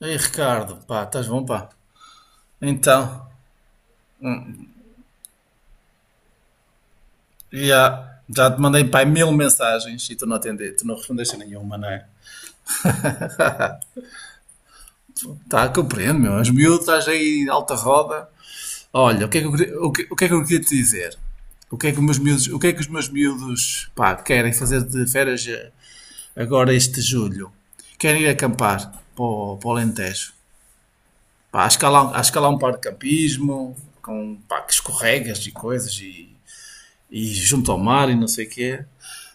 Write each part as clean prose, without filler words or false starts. Ei, Ricardo, pá, estás bom, pá? Então, hum, já te mandei, pá, mil mensagens e tu não atendeste, tu não respondeste a nenhuma, não é? Tá, compreendo, meu. És miúdo, estás aí alta roda. Olha, o que é que eu queria te dizer? O que é que os meus miúdos, pá, querem fazer de férias agora este julho? Querem ir acampar para o Alentejo. Pá, acho que há lá um par de campismo, com, pá, que escorregas e coisas e junto ao mar e não sei o quê.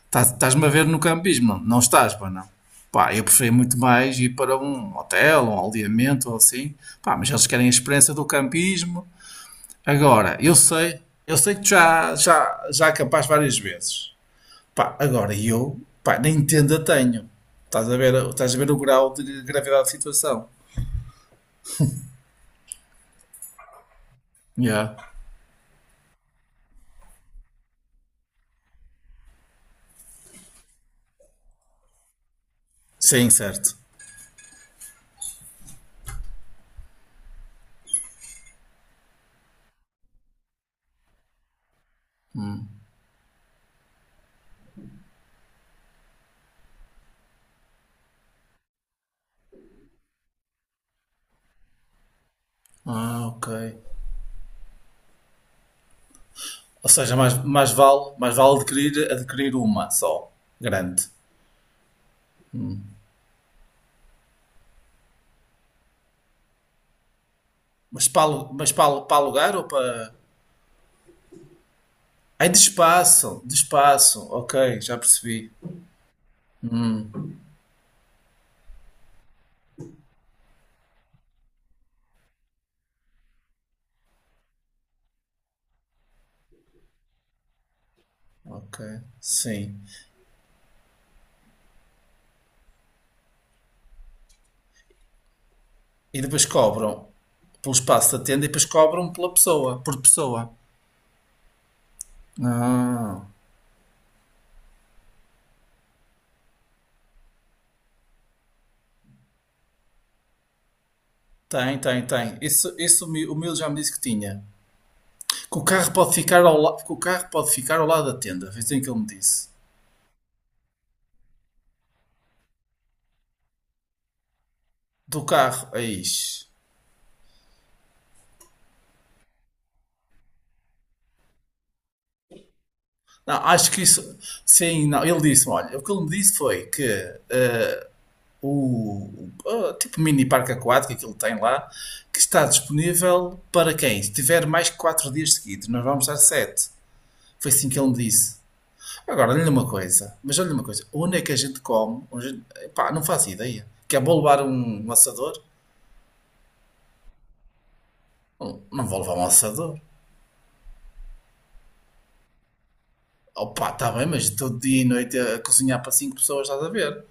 Estás-me a ver no campismo? Não estás, pá, não. Pá, eu prefiro muito mais ir para um hotel, um aldeamento ou assim. Pá, mas eles querem a experiência do campismo. Agora, eu sei que tu já acampaste várias vezes. Pá, agora eu, pá, nem tenda tenho. Estás a ver o grau de gravidade da situação. Yeah. Sim, certo. Ah, ok. Ou seja, mais vale adquirir uma só, grande. Para alugar ou para, aí de espaço, ok, já percebi. Ok, sim. E depois cobram pelo espaço da tenda e depois cobram pela pessoa, por pessoa. Ah, tem, tem, tem. Isso, o meu já me disse que tinha. Que o carro pode ficar ao lado da tenda, foi assim que ele me disse. Do carro, aí. Não, acho que isso, sim, não, ele disse-me, olha, o que ele me disse foi que o tipo mini parque aquático que ele tem lá, que está disponível para quem tiver mais que 4 dias seguidos. Nós vamos dar sete. Foi assim que ele me disse. Agora, olha-lhe uma coisa, onde é que a gente come? Pá, não faço ideia. Quer vou levar um assador? Não, não vou levar um assador. Opa, está bem, mas todo dia e noite a cozinhar para 5 pessoas, estás a ver?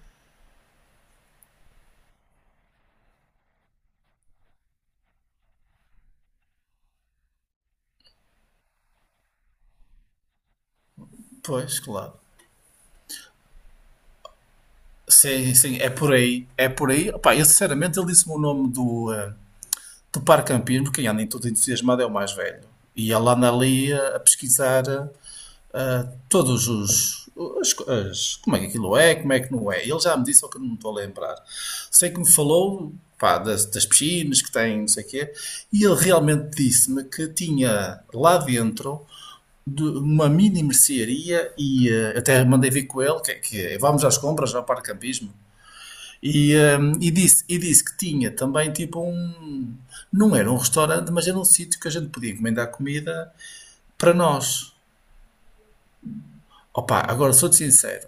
Pois, claro. Sim, sim, é por aí. É por aí. Opá, eu sinceramente ele disse-me o nome do, de parcampismo, porque anda em tudo entusiasmado é o mais velho. E ele anda ali a pesquisar ah, todos os. Como é que aquilo é, como é que não é. Ele já me disse, só que eu não me estou a lembrar. Sei que me falou pá, das piscinas que tem, não sei o quê, e ele realmente disse-me que tinha lá dentro de uma mini mercearia e até mandei vir com ele que, é, vamos às compras ao parcampismo e, e disse que tinha também tipo um. Não era um restaurante, mas era um sítio que a gente podia encomendar comida para nós. Opa, agora sou-te sincero.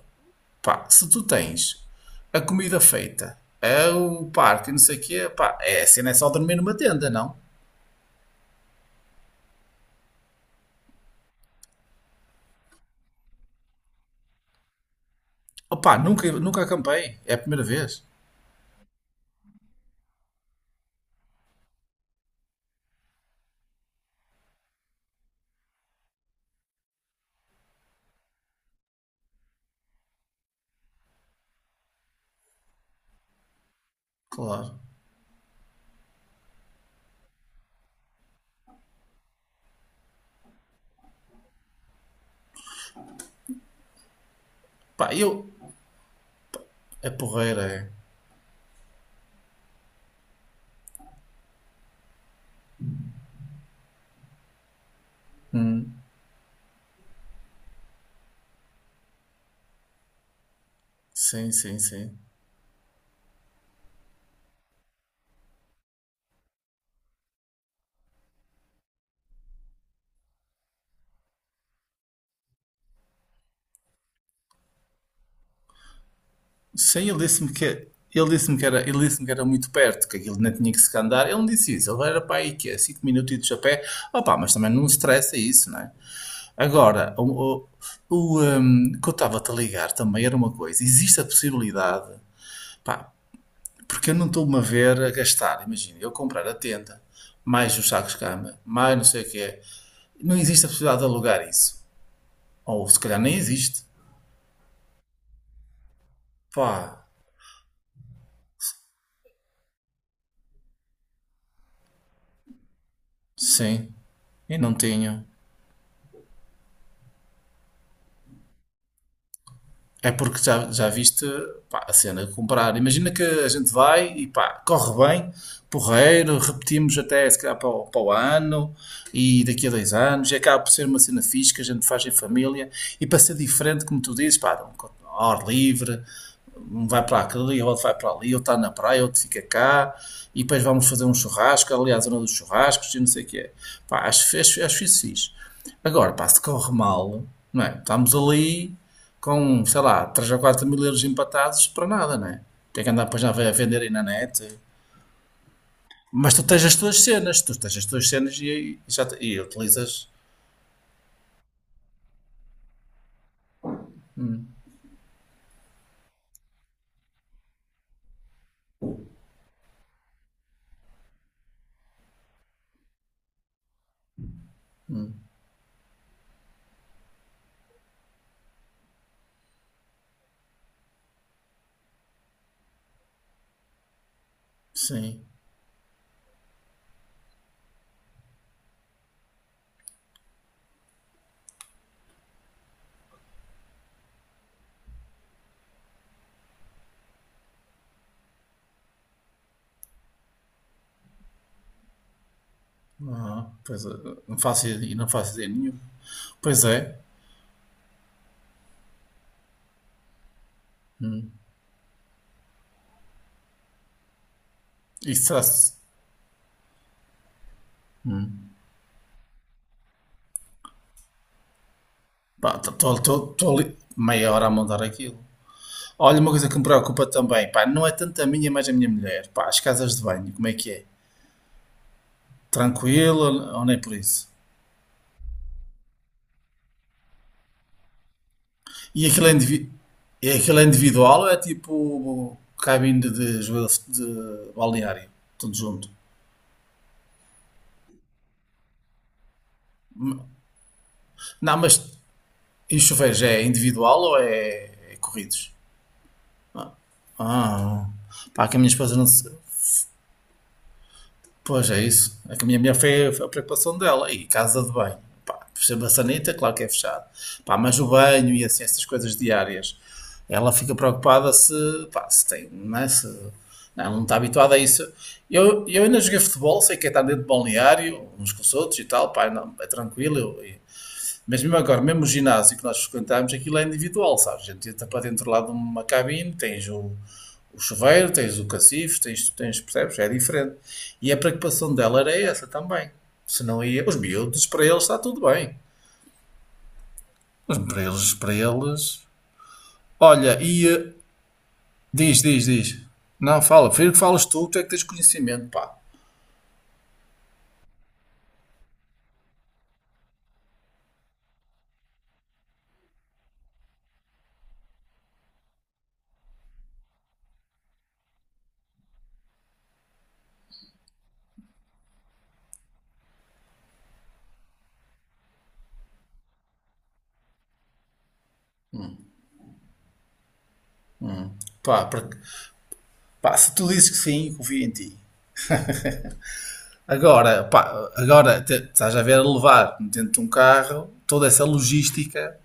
Pá, se tu tens a comida feita, é o parque, não sei o quê, pá, é assim, não é só dormir numa tenda, não? Opa, nunca, nunca acampei. É a primeira vez. Claro. Pá, eu. É porreira, é. Sim, sim, sim. Sim, ele disse-me que era muito perto, que aquilo não tinha que se andar. Ele não disse isso, ele era para aí que é 5 minutos a pé. Opa, mas também não estressa isso, não é? Agora, que eu estava-te a ligar também era uma coisa. Existe a possibilidade, pá, porque eu não estou-me a ver a gastar. Imagina, eu comprar a tenda, mais os sacos de cama, mais não sei o que é. Não existe a possibilidade de alugar isso. Ou se calhar nem existe. Pá, sim, eu não tenho. É porque já viste pá, a cena de comprar. Imagina que a gente vai e pá, corre bem, porreiro, repetimos até se calhar para o ano e daqui a 2 anos. E acaba por ser uma cena fixe que a gente faz em família e para ser diferente, como tu dizes, pá, ao ar livre, um vai para aquele, e outro vai para ali, outro está na praia, outro fica cá, e depois vamos fazer um churrasco, aliás à zona dos churrascos, e não sei o que é. Pá, acho isso fixe. Agora, pá, se corre mal, não é? Estamos ali com, sei lá, 3 ou 4 mil euros empatados para nada, não é? Tem que andar depois já a vender aí na net. Mas tu tens as tuas cenas, tu tens as tuas cenas e e utilizas. Sim, não, pois, é, e não faço ideia nenhuma. Pois é, isso será-se. Pá, estou ali meia hora a montar aquilo. Olha, uma coisa que me preocupa também, pá, não é tanto a minha, mas a minha mulher. Pá, as casas de banho, como é que é? Tranquilo ou não é por isso? E aquilo é, indivi- e aquilo é individual ou é tipo cabine de, joelho de balneário? Tudo junto. Não, mas em chuveiros é individual ou é corridos? Ah, pá, que a minha esposa não se... Pois é isso. É a minha mulher foi a preocupação dela. E casa de banho. Pá, a maçaneta, claro que é fechado. Pá, mas o banho e assim, essas coisas diárias. Ela fica preocupada se, pá, se tem, não é? Se, não, ela não está habituada a isso. Eu ainda joguei futebol, sei que é estar dentro de balneário, uns com os outros e tal, pá, não, é tranquilo. Mas mesmo agora, mesmo o ginásio que nós frequentámos, aquilo é individual, sabes? A gente entra para dentro lá de uma cabine, tens o chuveiro, tens o cacifo, tens, percebes? É diferente. E a preocupação dela era essa também. Se não ia. Os miúdos, para eles está tudo bem. Os para eles, para eles. Olha, e. Diz, diz, diz. Não, fala. Prefiro que falas tu é que tens conhecimento, pá. Pá, porque, pá, se tu dizes que sim, confio em ti. Agora, pá, estás a ver a levar dentro de um carro toda essa logística,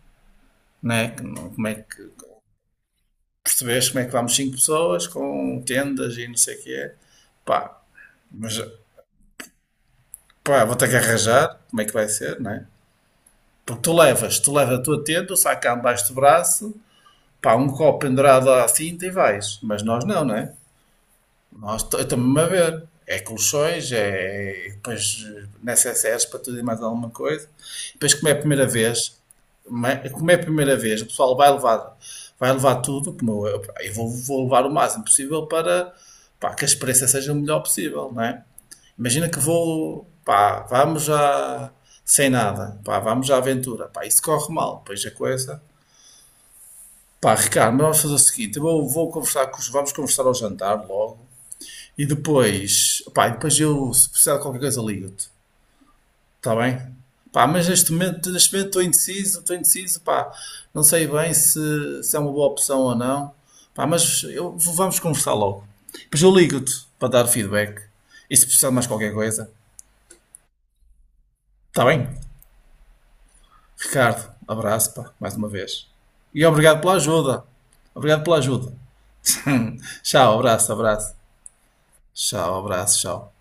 né? que não- Como é que percebes como é que vamos cinco pessoas com tendas e não sei o que é. Pá, mas pá, vou ter que arranjar, como é que vai ser, né? Porque tu levas a tua tenda, o sacão debaixo do braço, pá, um copo pendurado à cinta e vais. Mas nós não, né? Eu estou-me a ver. É colchões, é, depois necessários para tudo e mais alguma coisa. Depois, como é a primeira vez, o pessoal vai levar, tudo, como eu vou levar o máximo possível para pá, que a experiência seja o melhor possível, não é? Imagina que vou, pá, vamos já sem nada, pá, vamos à aventura, pá, isso corre mal, pois a coisa. Pá, Ricardo, mas vamos fazer o seguinte, eu vou, vou conversar com os, vamos conversar ao jantar logo, e depois, pá, e depois eu, se precisar de qualquer coisa, ligo-te. Está bem? Pá, mas neste momento estou indeciso, pá, não sei bem se é uma boa opção ou não. Pá, mas eu, vamos conversar logo. Depois eu ligo-te para dar feedback. E se precisar de mais qualquer coisa, está bem? Ricardo, abraço, pá, mais uma vez. E obrigado pela ajuda. Obrigado pela ajuda. Tchau, abraço, abraço. Tchau, abraço, tchau.